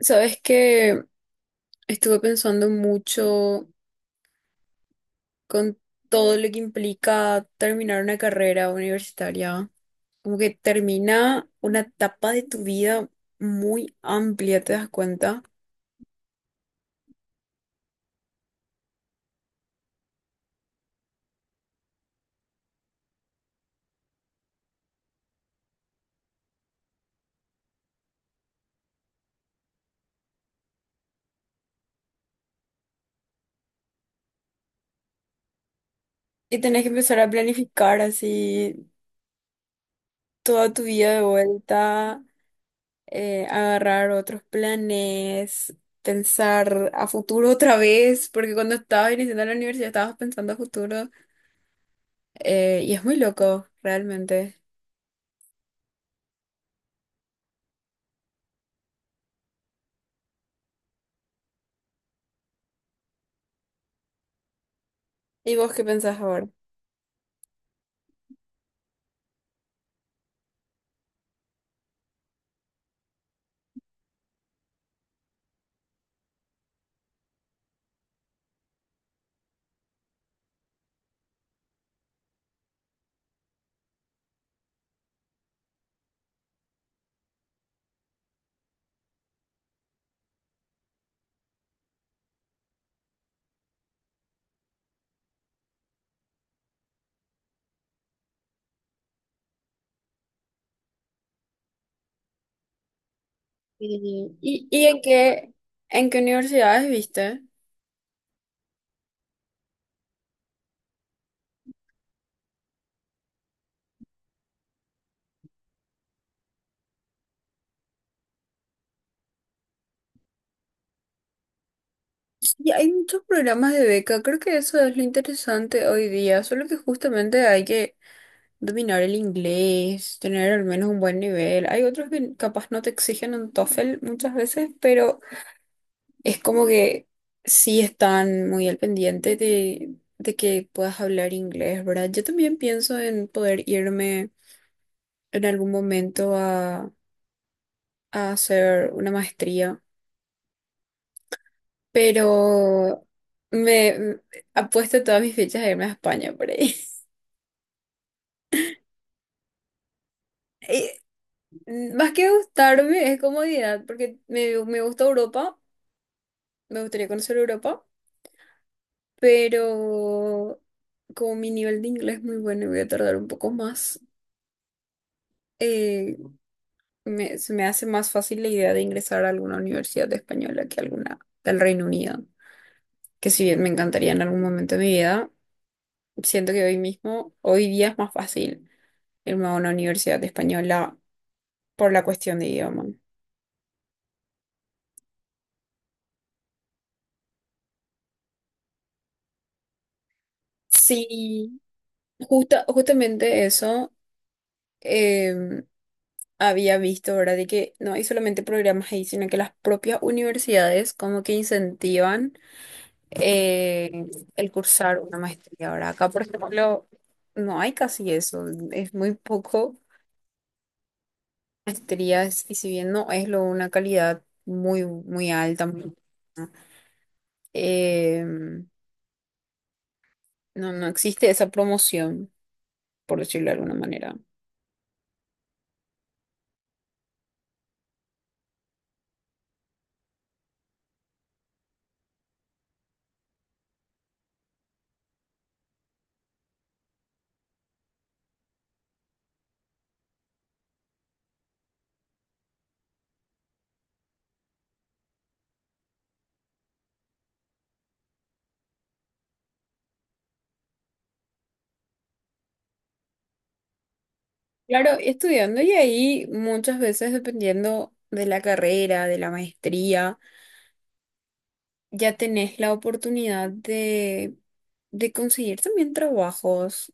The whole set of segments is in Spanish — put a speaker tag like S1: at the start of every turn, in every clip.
S1: Sabes que estuve pensando mucho con todo lo que implica terminar una carrera universitaria. Como que termina una etapa de tu vida muy amplia, ¿te das cuenta? Y tenés que empezar a planificar así toda tu vida de vuelta, agarrar otros planes, pensar a futuro otra vez, porque cuando estabas iniciando la universidad estabas pensando a futuro. Eh, y es muy loco, realmente. ¿Y vos qué pensás ahora? ¿Y en qué universidades viste? Sí, hay muchos programas de beca, creo que eso es lo interesante hoy día, solo que justamente hay que dominar el inglés, tener al menos un buen nivel. Hay otros que capaz no te exigen un TOEFL muchas veces, pero es como que sí están muy al pendiente de que puedas hablar inglés, ¿verdad? Yo también pienso en poder irme en algún momento a hacer una maestría, pero me m- apuesto todas mis fichas a irme a España por ahí. Y más que gustarme, es comodidad, porque me gusta Europa, me gustaría conocer Europa, pero como mi nivel de inglés es muy bueno y voy a tardar un poco más, eh, se me hace más fácil la idea de ingresar a alguna universidad española que alguna del Reino Unido, que si bien me encantaría en algún momento de mi vida, siento que hoy mismo, hoy día es más fácil irme a una universidad española por la cuestión de idioma. Sí, justamente eso em, había visto, ¿verdad? De que no hay solamente programas ahí, sino que las propias universidades como que incentivan eh, el cursar una maestría. Ahora, acá, por ejemplo, no hay casi eso, es muy poco maestrías y si bien no es lo, una calidad muy, muy alta, muy buena. em, no, no existe esa promoción, por decirlo de alguna manera. Claro, estudiando y ahí muchas veces dependiendo de la carrera, de la maestría, ya tenés la oportunidad de conseguir también trabajos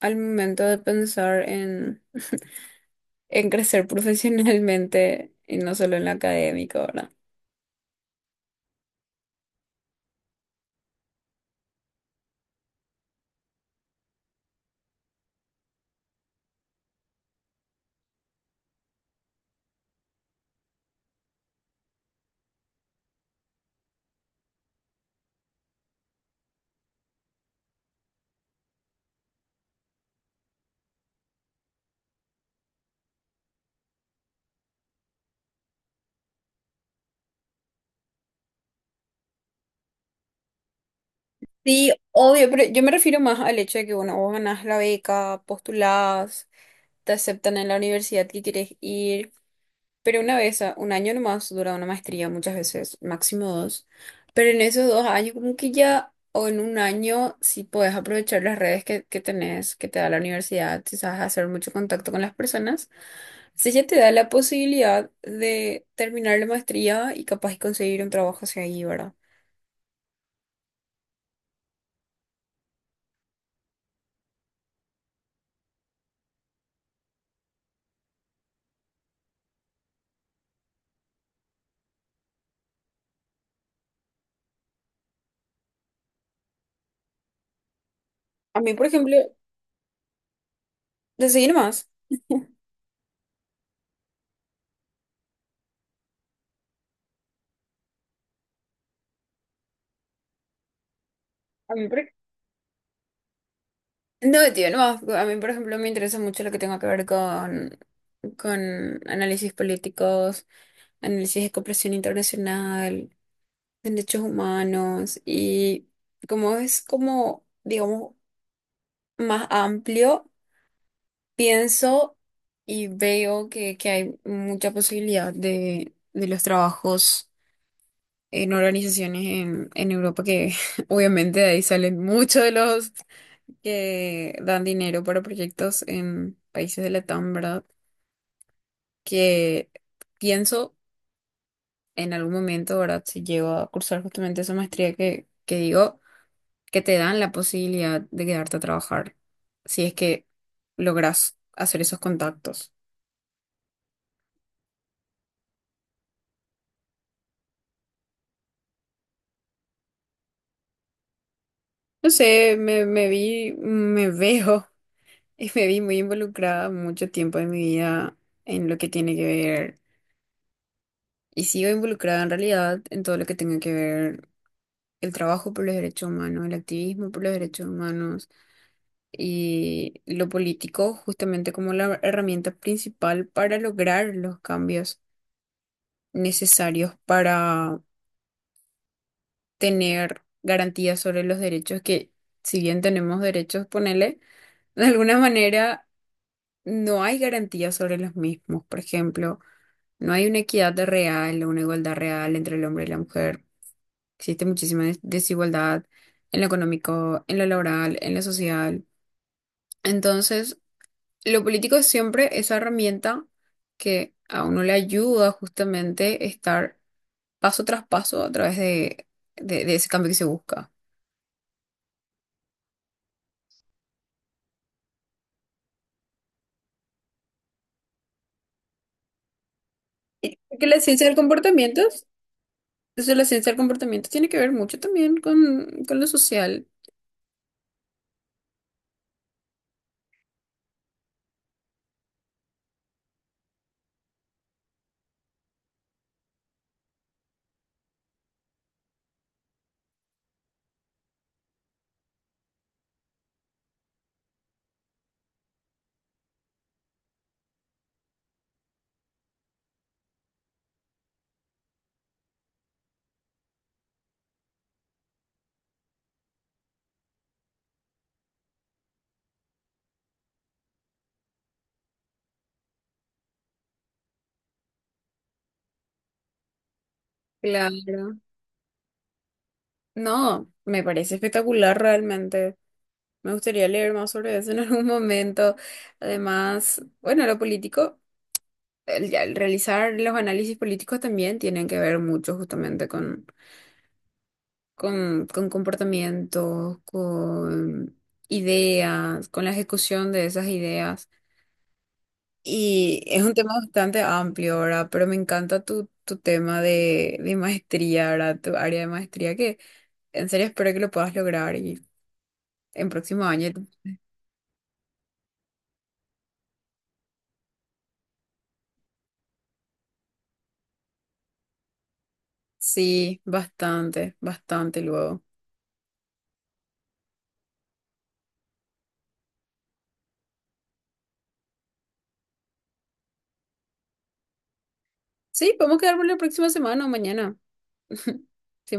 S1: al momento de pensar en crecer profesionalmente y no solo en lo académico, ¿verdad? Sí, obvio, pero yo me refiero más al hecho de que, bueno, vos ganás la beca, postulás, te aceptan en la universidad que quieres ir, pero una vez, un año nomás dura una maestría muchas veces, máximo dos, pero en esos dos años como que ya, o en un año, si puedes aprovechar las redes que tenés, que te da la universidad, si sabes hacer mucho contacto con las personas, si ya te da la posibilidad de terminar la maestría y capaz de conseguir un trabajo hacia ahí, ¿verdad? A mí, por ejemplo, de seguir más. No, tío, no. A mí, por ejemplo, me interesa mucho lo que tenga que ver con análisis políticos, análisis de cooperación internacional, derechos humanos y como es como, digamos, más amplio, pienso y veo que hay mucha posibilidad de los trabajos en organizaciones en Europa que obviamente de ahí salen muchos de los que dan dinero para proyectos en países de Latam, ¿verdad? Que pienso en algún momento, ¿verdad? Si llego a cursar justamente esa maestría que digo, que te dan la posibilidad de quedarte a trabajar, si es que logras hacer esos contactos. No sé, me veo y me vi muy involucrada mucho tiempo de mi vida en lo que tiene que ver, y sigo involucrada en realidad en todo lo que tenga que ver, el trabajo por los derechos humanos, el activismo por los derechos humanos y lo político justamente como la herramienta principal para lograr los cambios necesarios para tener garantías sobre los derechos que, si bien tenemos derechos, ponele, de alguna manera no hay garantías sobre los mismos. Por ejemplo, no hay una equidad real o una igualdad real entre el hombre y la mujer. Existe muchísima desigualdad en lo económico, en lo laboral, en lo social. Entonces, lo político es siempre esa herramienta que a uno le ayuda justamente a estar paso tras paso a través de ese cambio que se busca. Porque la ciencia del comportamiento, entonces la ciencia del comportamiento tiene que ver mucho también con lo social. Claro. No, me parece espectacular realmente. Me gustaría leer más sobre eso en algún momento. Además, bueno, lo político, el, ya el realizar los análisis políticos también tienen que ver mucho justamente con comportamientos, con ideas, con la ejecución de esas ideas. Y es un tema bastante amplio, ¿verdad? Pero me encanta tu tema de maestría, ¿verdad? Tu área de maestría, que en serio espero que lo puedas lograr y en próximo año. Sí, bastante, bastante luego. Sí, podemos quedar por la próxima semana o mañana. Sin